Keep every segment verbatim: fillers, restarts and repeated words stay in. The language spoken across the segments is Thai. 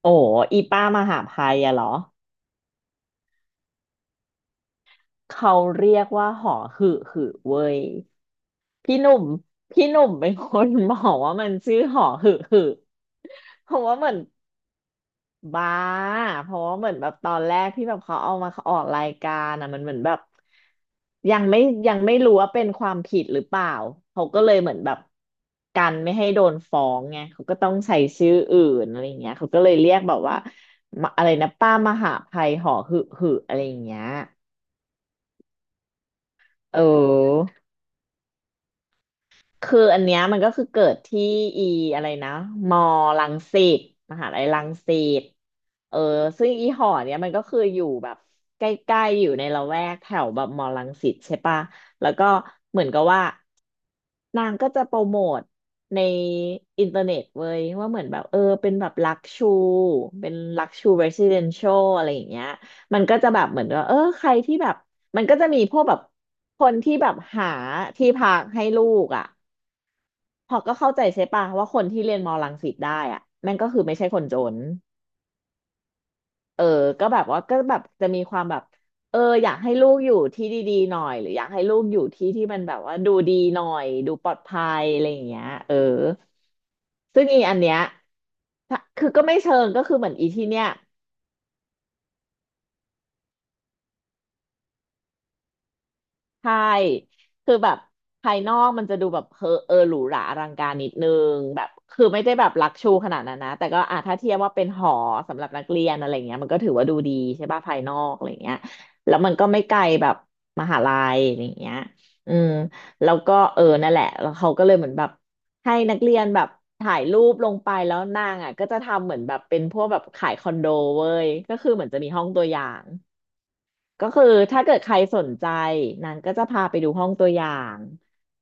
โอ้อีป้ามหาภัยอะเหรอเขาเรียกว่าหอหึหึเว้ยพี่หนุ่มพี่หนุ่มเป็นคนบอกว่ามันชื่อหอหึหึเพราะว่าเหมือนบ้าเพราะว่าเหมือนแบบตอนแรกที่แบบเขาเอามาออกรายการอะมันเหมือนแบบยังไม่ยังไม่รู้ว่าเป็นความผิดหรือเปล่าเขาก็เลยเหมือนแบบกันไม่ให้โดนฟ้องไงเขาก็ต้องใส่ชื่ออื่นอะไรอย่างเงี้ยเขาก็เลยเรียกแบบว่าอะไรนะป้ามหาภัยหอหึหึอะไรอย่างเงี้ย เออ คืออันเนี้ยมันก็คือเกิดที่อีอะไรนะมอรังสิตมหาลัยรังสิต เออซึ่งอีหอเนี้ยมันก็คืออยู่แบบใกล้ๆอยู่ในละแวกแถวแบบมอรังสิตใช่ปะแล้วก็เหมือนกับว่านางก็จะโปรโมทในอินเทอร์เน็ตเว้ยว่าเหมือนแบบเออเป็นแบบลักชูเป็นลักชูเรส i เดนเชียลอะไรอย่างเงี้ยมันก็จะแบบเหมือนว่าเออใครที่แบบมันก็จะมีพวกแบบคนที่แบบหาที่พักให้ลูกอ่ะพอก็เข้าใจใช่ปะว่าคนที่เรียนมอรังสิตได้อ่ะแม่งก็คือไม่ใช่คนจน เออก็แบบว่าก็แบบจะมีความแบบเอออยากให้ลูกอยู่ที่ดีๆหน่อยหรืออยากให้ลูกอยู่ที่ที่มันแบบว่าดูดีหน่อยดูปลอดภัยอะไรอย่างเงี้ยเออซึ่งอีอันเนี้ยถ้าคือก็ไม่เชิงก็คือเหมือนอีที่เนี้ย ใช่ คือแบบภายนอกมันจะดูแบบเออเออหรูหราอลังการนิดนึงแบบคือไม่ได้แบบลักชูขนาดนั้นนะแต่ก็อ่ะถ้าเทียบว่าเป็นหอสำหรับนักเรียนอะไรเงี้ยมันก็ถือว่าดูดีใช่ป่ะภายนอกอะไรเงี้ยแล้วมันก็ไม่ไกลแบบมหาลัยอะไรเงี้ยอืมแล้วก็เออนั่นแหละแล้วเขาก็เลยเหมือนแบบให้นักเรียนแบบถ่ายรูปลงไปแล้วนางอ่ะก็จะทำเหมือนแบบเป็นพวกแบบขายคอนโดเว้ยก็คือเหมือนจะมีห้องตัวอย่าง ก็คือถ้าเกิดใครสนใจนางก็จะพาไปดูห้องตัวอย่าง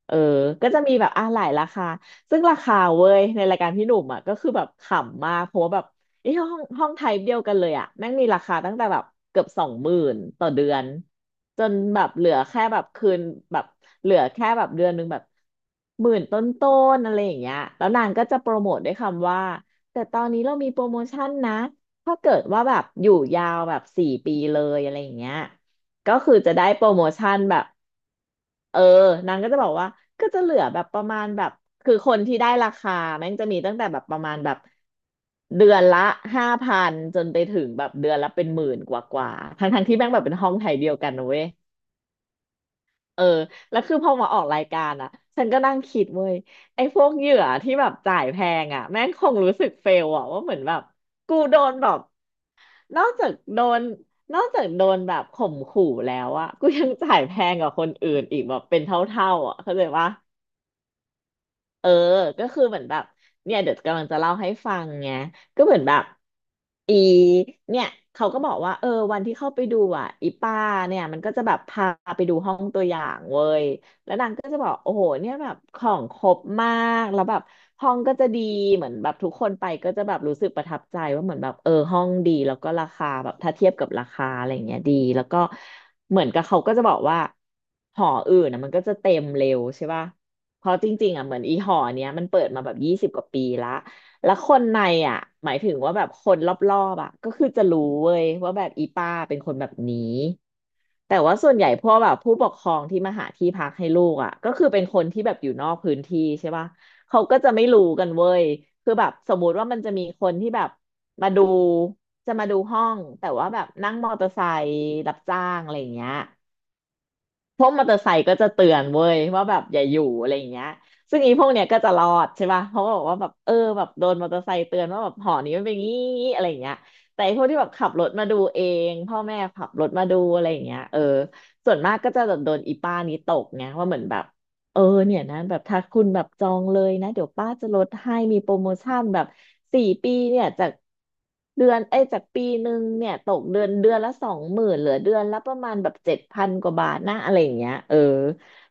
เออก็จะมีแบบอ่ะหลายราคาซึ่งราคาเว้ยในรายการพี่หนุ่มอ่ะก็คือแบบขำมากเพราะว่าแบบไอ้ห้องห้องไทป์เดียวกันเลยอ่ะแม่งมีราคาตั้งแต่แบบเกือบสองหมื่นต่อเดือนจนแบบเหลือแค่แบบคืนแบบเหลือแค่แบบเดือนหนึงแบบหมื่นต้นๆอะไรอย่างเงี้ยแล้วนางก็จะโปรโมทด้วยคำว่าแต่ตอนนี้เรามีโปรโมชั่นนะ ถ้าเกิดว่าแบบอยู่ยาวแบบสี่ปีเลยอะไรอย่างเงี้ยก็คือจะได้โปรโมชั่นแบบเออนางก็จะบอกว่าก็จะเหลือแบบประมาณแบบคือคนที่ได้ราคาแม่งจะมีตั้งแต่แบบประมาณแบบเดือนละห้าพันจนไปถึงแบบเดือนละเป็นหมื่นกว่ากว่าทั้งทั้งๆที่แม่งแบบเป็นห้องไทยเดียวกันนะเว้ยเออแล้วคือพอมาออกรายการอ่ะฉันก็นั่งคิดเว้ยไอ้พวกเหยื่อที่แบบจ่ายแพงอ่ะแม่งคงรู้สึกเฟลอ่ะว่าเหมือนแบบกูโดนแบบ นอกจากโดนนอกจากโดนแบบข่มขู่แล้วอะกูยังจ่ายแพงกว่าคนอื่นอีกแบบเป็นเท่าๆอะเข้าใจปะ เออก็คือเหมือนแบบเนี่ยเดี๋ยวกำลังจะเล่าให้ฟังไงก็เหมือนแบบอีเนี่ยเขาก็บอกว่าเออวันที่เข้าไปดูอ่ะอีป้าเนี่ยมันก็จะแบบพาไปดูห้องตัวอย่างเว้ยแล้วนางก็จะบอกโอ้โหเนี่ยแบบของครบมากแล้วแบบห้องก็จะดีเหมือนแบบทุกคนไปก็จะแบบรู้สึกประทับใจว่าเหมือนแบบเออห้องดีแล้วก็ราคาแบบถ้าเทียบกับราคาอะไรอย่างเงี้ยดีแล้วก็เหมือนกับเขาก็จะบอกว่าหออื่นนะมันก็จะเต็มเร็วใช่ป่ะ เพราะจริงๆอ่ะเหมือนอีหอเนี้ยมันเปิดมาแบบยี่สิบกว่าปีละแล้วคนในอ่ะหมายถึงว่าแบบคนรอบๆอ่ะก็คือจะรู้เว้ยว่าแบบอีป้าเป็นคนแบบนี้แต่ว่าส่วนใหญ่พวกแบบผู้ปกครองที่มาหาที่พักให้ลูกอ่ะก็คือเป็นคนที่แบบอยู่นอกพื้นที่ใช่ป่ะเขาก็จะไม่รู้กันเว้ยคือแบบสมมุติว่ามันจะมีคนที่แบบมาดูจะมาดูห้องแต่ว่าแบบนั่งมอเตอร์ไซค์รับจ้างอะไรอย่างเงี้ย พวกมอเตอร์ไซค์ก็จะเตือนเว้ยว่าแบบอย่าอยู่อะไรอย่างเงี้ยซึ่งอีพวกเนี้ยก็จะรอดใช่ป่ะเพราะว่าบอกว่าแบบเออแบบโดนมอเตอร์ไซค์เตือนว่าแบบหอนี้มันเป็นงี้อะไรอย่างเงี้ยแต่ไอ้พวกที่แบบขับรถมาดูเองพ่อแม่ขับรถมาดูอะไรอย่างเงี้ยเออส่วนมากก็จะแบบโดนอีป้านี้ตกไงว่าเหมือนแบบ เออเนี่ยนะแบบถ้าคุณแบบจองเลยนะเดี๋ยวป้าจะลดให้มีโปรโมชั่นแบบสี่ปีเนี่ยจากเดือนเอ้ยจากปีหนึ่งเนี่ยตกเดือนเดือนละสองหมื่นเหลือเดือนละประมาณแบบเจ็ดพันกว่าบาทนะอะไรอย่างเงี้ยเออ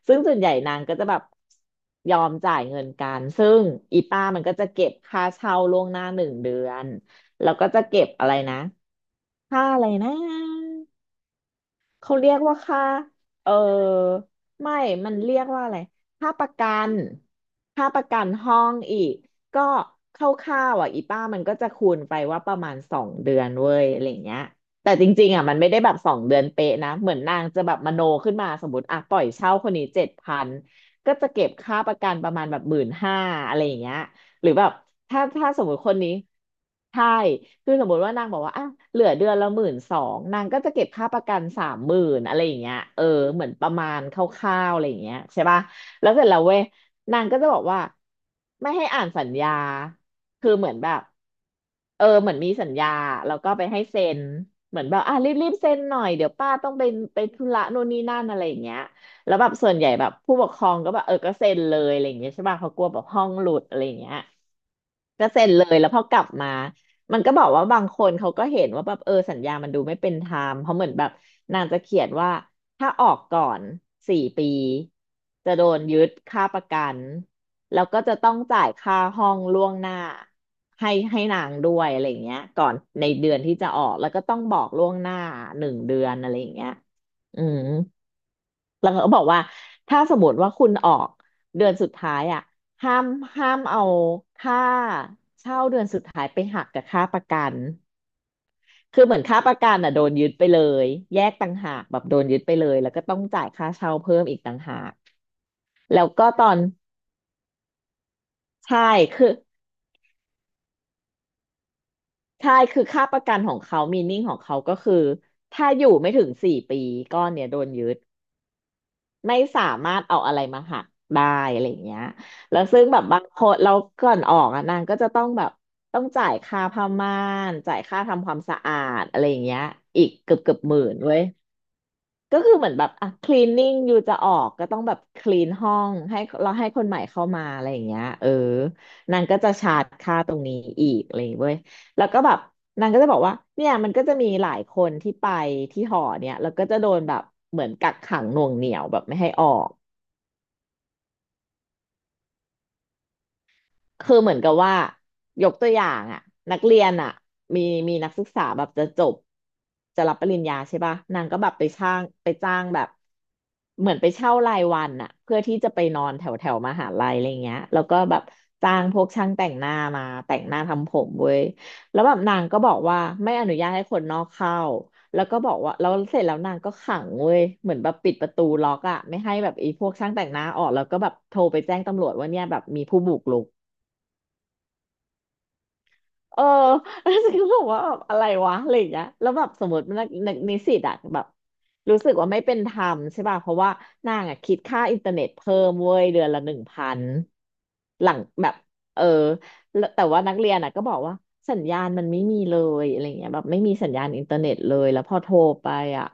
ซึ่งส่วนใหญ่นางก็จะแบบยอมจ่ายเงินกันซึ่งอีป้ามันก็จะเก็บค่าเช่าล่วงหน้าหนึ่งเดือนแล้วก็จะเก็บอะไรนะค่าอะไรนะ เขาเรียกว่าค่าเออไม่มันเรียกว่าอะไรค่าประกันค่าประกันห้องอีกก็คร่าวๆอ่ะอีป้ามันก็จะคูณไปว่าประมาณสองเดือนเว้ยอะไรเงี้ยแต่จริงๆอ่ะมันไม่ได้แบบสองเดือนเป๊ะนะเหมือนนางจะแบบมโนขึ้นมาสมมติอ่ะปล่อยเช่าคนนี้เจ็ดพันก็จะเก็บค่าประกันประมาณแบบหมื่นห้าอะไรอย่างเงี้ย หรือแบบถ้าถ้าสมมติคนนี้ใช่คือสมมติว่านางบอกว่าอ่ะเหลือเดือนละหมื่นสองนางก็จะเก็บค่าประกันสามหมื่นอะไรอย่างเงี้ยเออเหมือนประมาณคร่าวๆอะไรอย่างเงี้ยใช่ป่ะแล้วเสร็จแล้วเว้ยนางก็จะบอกว่าไม่ให้อ่านสัญญาคือเหมือนแบบเออเหมือนมีสัญญาแล้วก็ไปให้เซ็นเหมือนแบบอ่ะรีบๆเซ็นหน่อยเดี๋ยวป้าต้องไปไปธุระโน่นนี่นั่นอะไรอย่างเงี้ยแล้วแบบส่วนใหญ่แบบผู้ปกครองก็แบบเออก็เซ็นเลยอะไรอย่างเงี้ยใช่ป่ะเขากลัวแบบห้องหลุดอะไรอย่างเงี้ย ก็เซ็นเลยแล้วพอกลับมามันก็บอกว่าบางคนเขาก็เห็นว่าแบบเออสัญญามันดูไม่เป็นธรรมเพราะเหมือนแบบนางจะเขียนว่าถ้าออกก่อนสี่ปีจะโดนยึดค่าประกันแล้วก็จะต้องจ่ายค่าห้องล่วงหน้าให้ให้นางด้วยอะไรอย่างเงี้ยก่อนในเดือนที่จะออกแล้วก็ต้องบอกล่วงหน้าหนึ่งเดือนอะไรอย่างเงี้ยอืม แล้วเขาก็บอกว่าถ้าสมมติว่าคุณออกเดือนสุดท้ายอ่ะห้ามห้ามเอาค่าเช่าเดือนสุดท้ายไปหักกับค่าประกันคือเหมือนค่าประกันอ่ะโดนยึดไปเลยแยกต่างหากแบบโดนยึดไปเลยแล้วก็ต้องจ่ายค่าเช่าเพิ่มอีกต่างหากแล้วก็ตอนใช่คือใช่คือค่าประกันของเขามีนิ่งของเขาก็คือถ้าอยู่ไม่ถึงสี่ปีก้อนเนี่ยโดนยึด ไม่สามารถเอาอะไรมาหักได้อะไรอย่างเงี้ยแล้วซึ่งแบบบางคนเราก่อนออกอะนางก็จะต้องแบบต้องจ่ายค่าผ้าม่านจ่ายค่าทำความสะอาดอะไรอย่างเงี้ยอีกเกือบเกือบหมื่นเว้ยก็คือเหมือนแบบอ่ะคลีนนิ่งอยู่จะออกก็ต้องแบบคลีนห้องให้เราให้คนใหม่เข้ามาอะไรอย่างเงี้ยเออนางก็จะชาร์จค่าตรงนี้อีกอะไรอย่างเงี้ยเว้ยแล้วก็แบบนางก็จะบอกว่าเนี่ยมันก็จะมีหลายคนที่ไปที่หอเนี่ยแล้วก็จะโดนแบบเหมือนกักขังหน่วงเหนี่ยวแบบไม่ให้ออก คือเหมือนกับว่ายกตัวอย่างอ่ะนักเรียนอ่ะมีมีนักศึกษาแบบจะจบจะรับปริญญาใช่ป่ะนางก็แบบไปช่างไปจ้างแบบเหมือนไปเช่ารายวันอ่ะเพื่อที่จะไปนอนแถวแถวมหาลัยอะไรเงี้ยแล้วก็แบบจ้างพวกช่างแต่งหน้ามาแต่งหน้าทำผมเว้ยแล้วแบบนางก็บอกว่าไม่อนุญาตให้คนนอกเข้าแล้วก็บอกว่าแล้วเสร็จแล้วนางก็ขังเว้ยเหมือนแบบปิดประตูล็อกอะไม่ให้แบบไอ้พวกช่างแต่งหน้าออกแล้วก็แบบโทรไปแจ้งตำรวจว่าเนี่ยแบบมีผู้บุกรุก เออ แล้วฉันก็บอกว่าแบบอะไรวะอะไรอย่างเงี้ยแล้วแบบสมมตินักนักนิสิตอะแบบรู้สึกว่าไม่เป็นธรรมใช่ป่ะเพราะว่านางอะคิดค่าอินเทอร์เน็ตเพิ่มเว้ยเดือนละหนึ่งพันหลังแบบเออแล้วแต่ว่านักเรียนอะก็บอกว่าสัญญาณมันไม่มีเลยอะไรเงี้ยแบบไม่มีสัญญาณอินเทอร์เน็ตเลยแล้วพอโทรไปอะ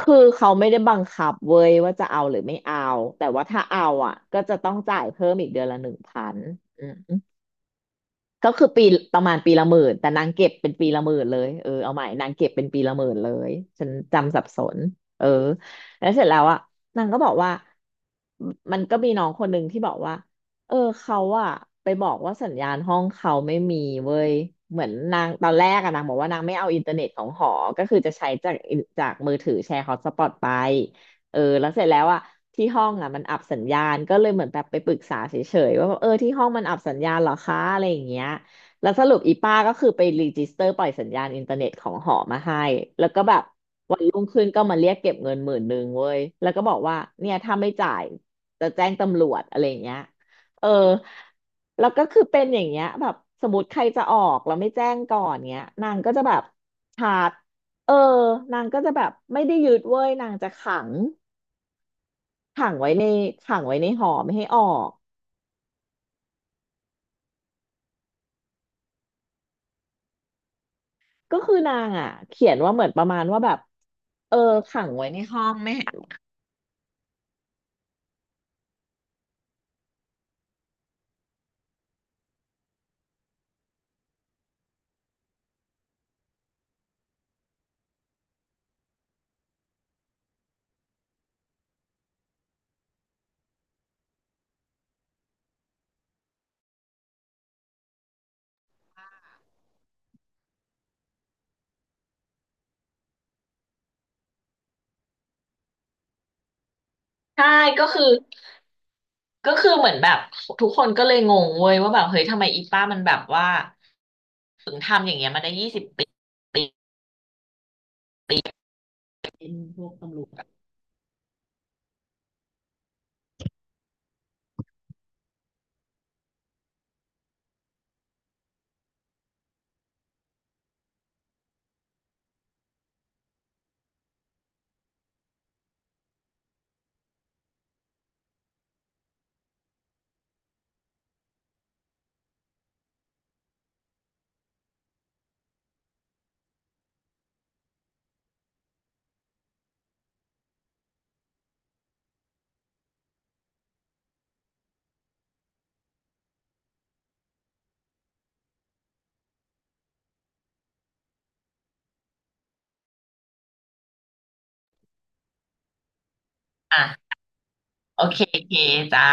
คือเขาไม่ได้บังคับเว้ยว่าจะเอาหรือไม่เอาแต่ว่าถ้าเอาอะก็จะต้องจ่ายเพิ่มอีกเดือนละหนึ่งพัน ก็คือปีประมาณปีละหมื่นแต่นางเก็บเป็นปีละหมื่นเลยเออเอาใหม่นางเก็บเป็นปีละหมื่นเลยฉันจำสับสนเออแล้วเสร็จแล้วอ่ะนางก็บอกว่ามันก็มีน้องคนหนึ่งที่บอกว่าเออเขาอ่ะไปบอกว่าสัญญาณห้องเขาไม่มีเว้ยเหมือนนางตอนแรกอะนางบอกว่านางไม่เอาอินเทอร์เน็ตของหอก็คือจะใช้จากจากมือถือแชร์ฮอตสปอตไปเออแล้วเสร็จแล้วอ่ะ ที่ห้องอ่ะมันอับสัญญาณก็เลยเหมือนแบบไปปรึกษาเฉยๆว่าแบบเออที่ห้องมันอับสัญญาณเหรอคะอะไรอย่างเงี้ยแล้วสรุปอีป้าก็คือไปรีจิสเตอร์ปล่อยสัญญาณอินเทอร์เน็ตของหอมาให้แล้วก็แบบวันรุ่งขึ้นก็มาเรียกเก็บเงินหมื่นหนึ่งเว้ยแล้วก็บอกว่าเนี่ยถ้าไม่จ่ายจะแจ้งตำรวจอะไรอย่างเงี้ยเออแล้วก็คือเป็นอย่างเงี้ยแบบสมมติใครจะออกแล้วไม่แจ้งก่อนเงี้ยนางก็จะแบบชาร์จเออนางก็จะแบบไม่ได้ยึดเว้ยนางจะขัง ขังไว้ในขังไว้ในหอไม่ให้ออกก็คือนางอ่ะเขียนว่าเหมือนประมาณว่าแบบเออขังไว้ในห้องไม่ให้ใช่ก็คือก็คือเหมือนแบบทุกคนก็เลยงงเว้ยว่าแบบเฮ้ยทำไมอีป้ามันแบบว่าถึงทำอย่างเงี้ยมาได้ยี่สิบปีเป็นพวกตำรวจอะอ่ะโอเคโอเคจ้า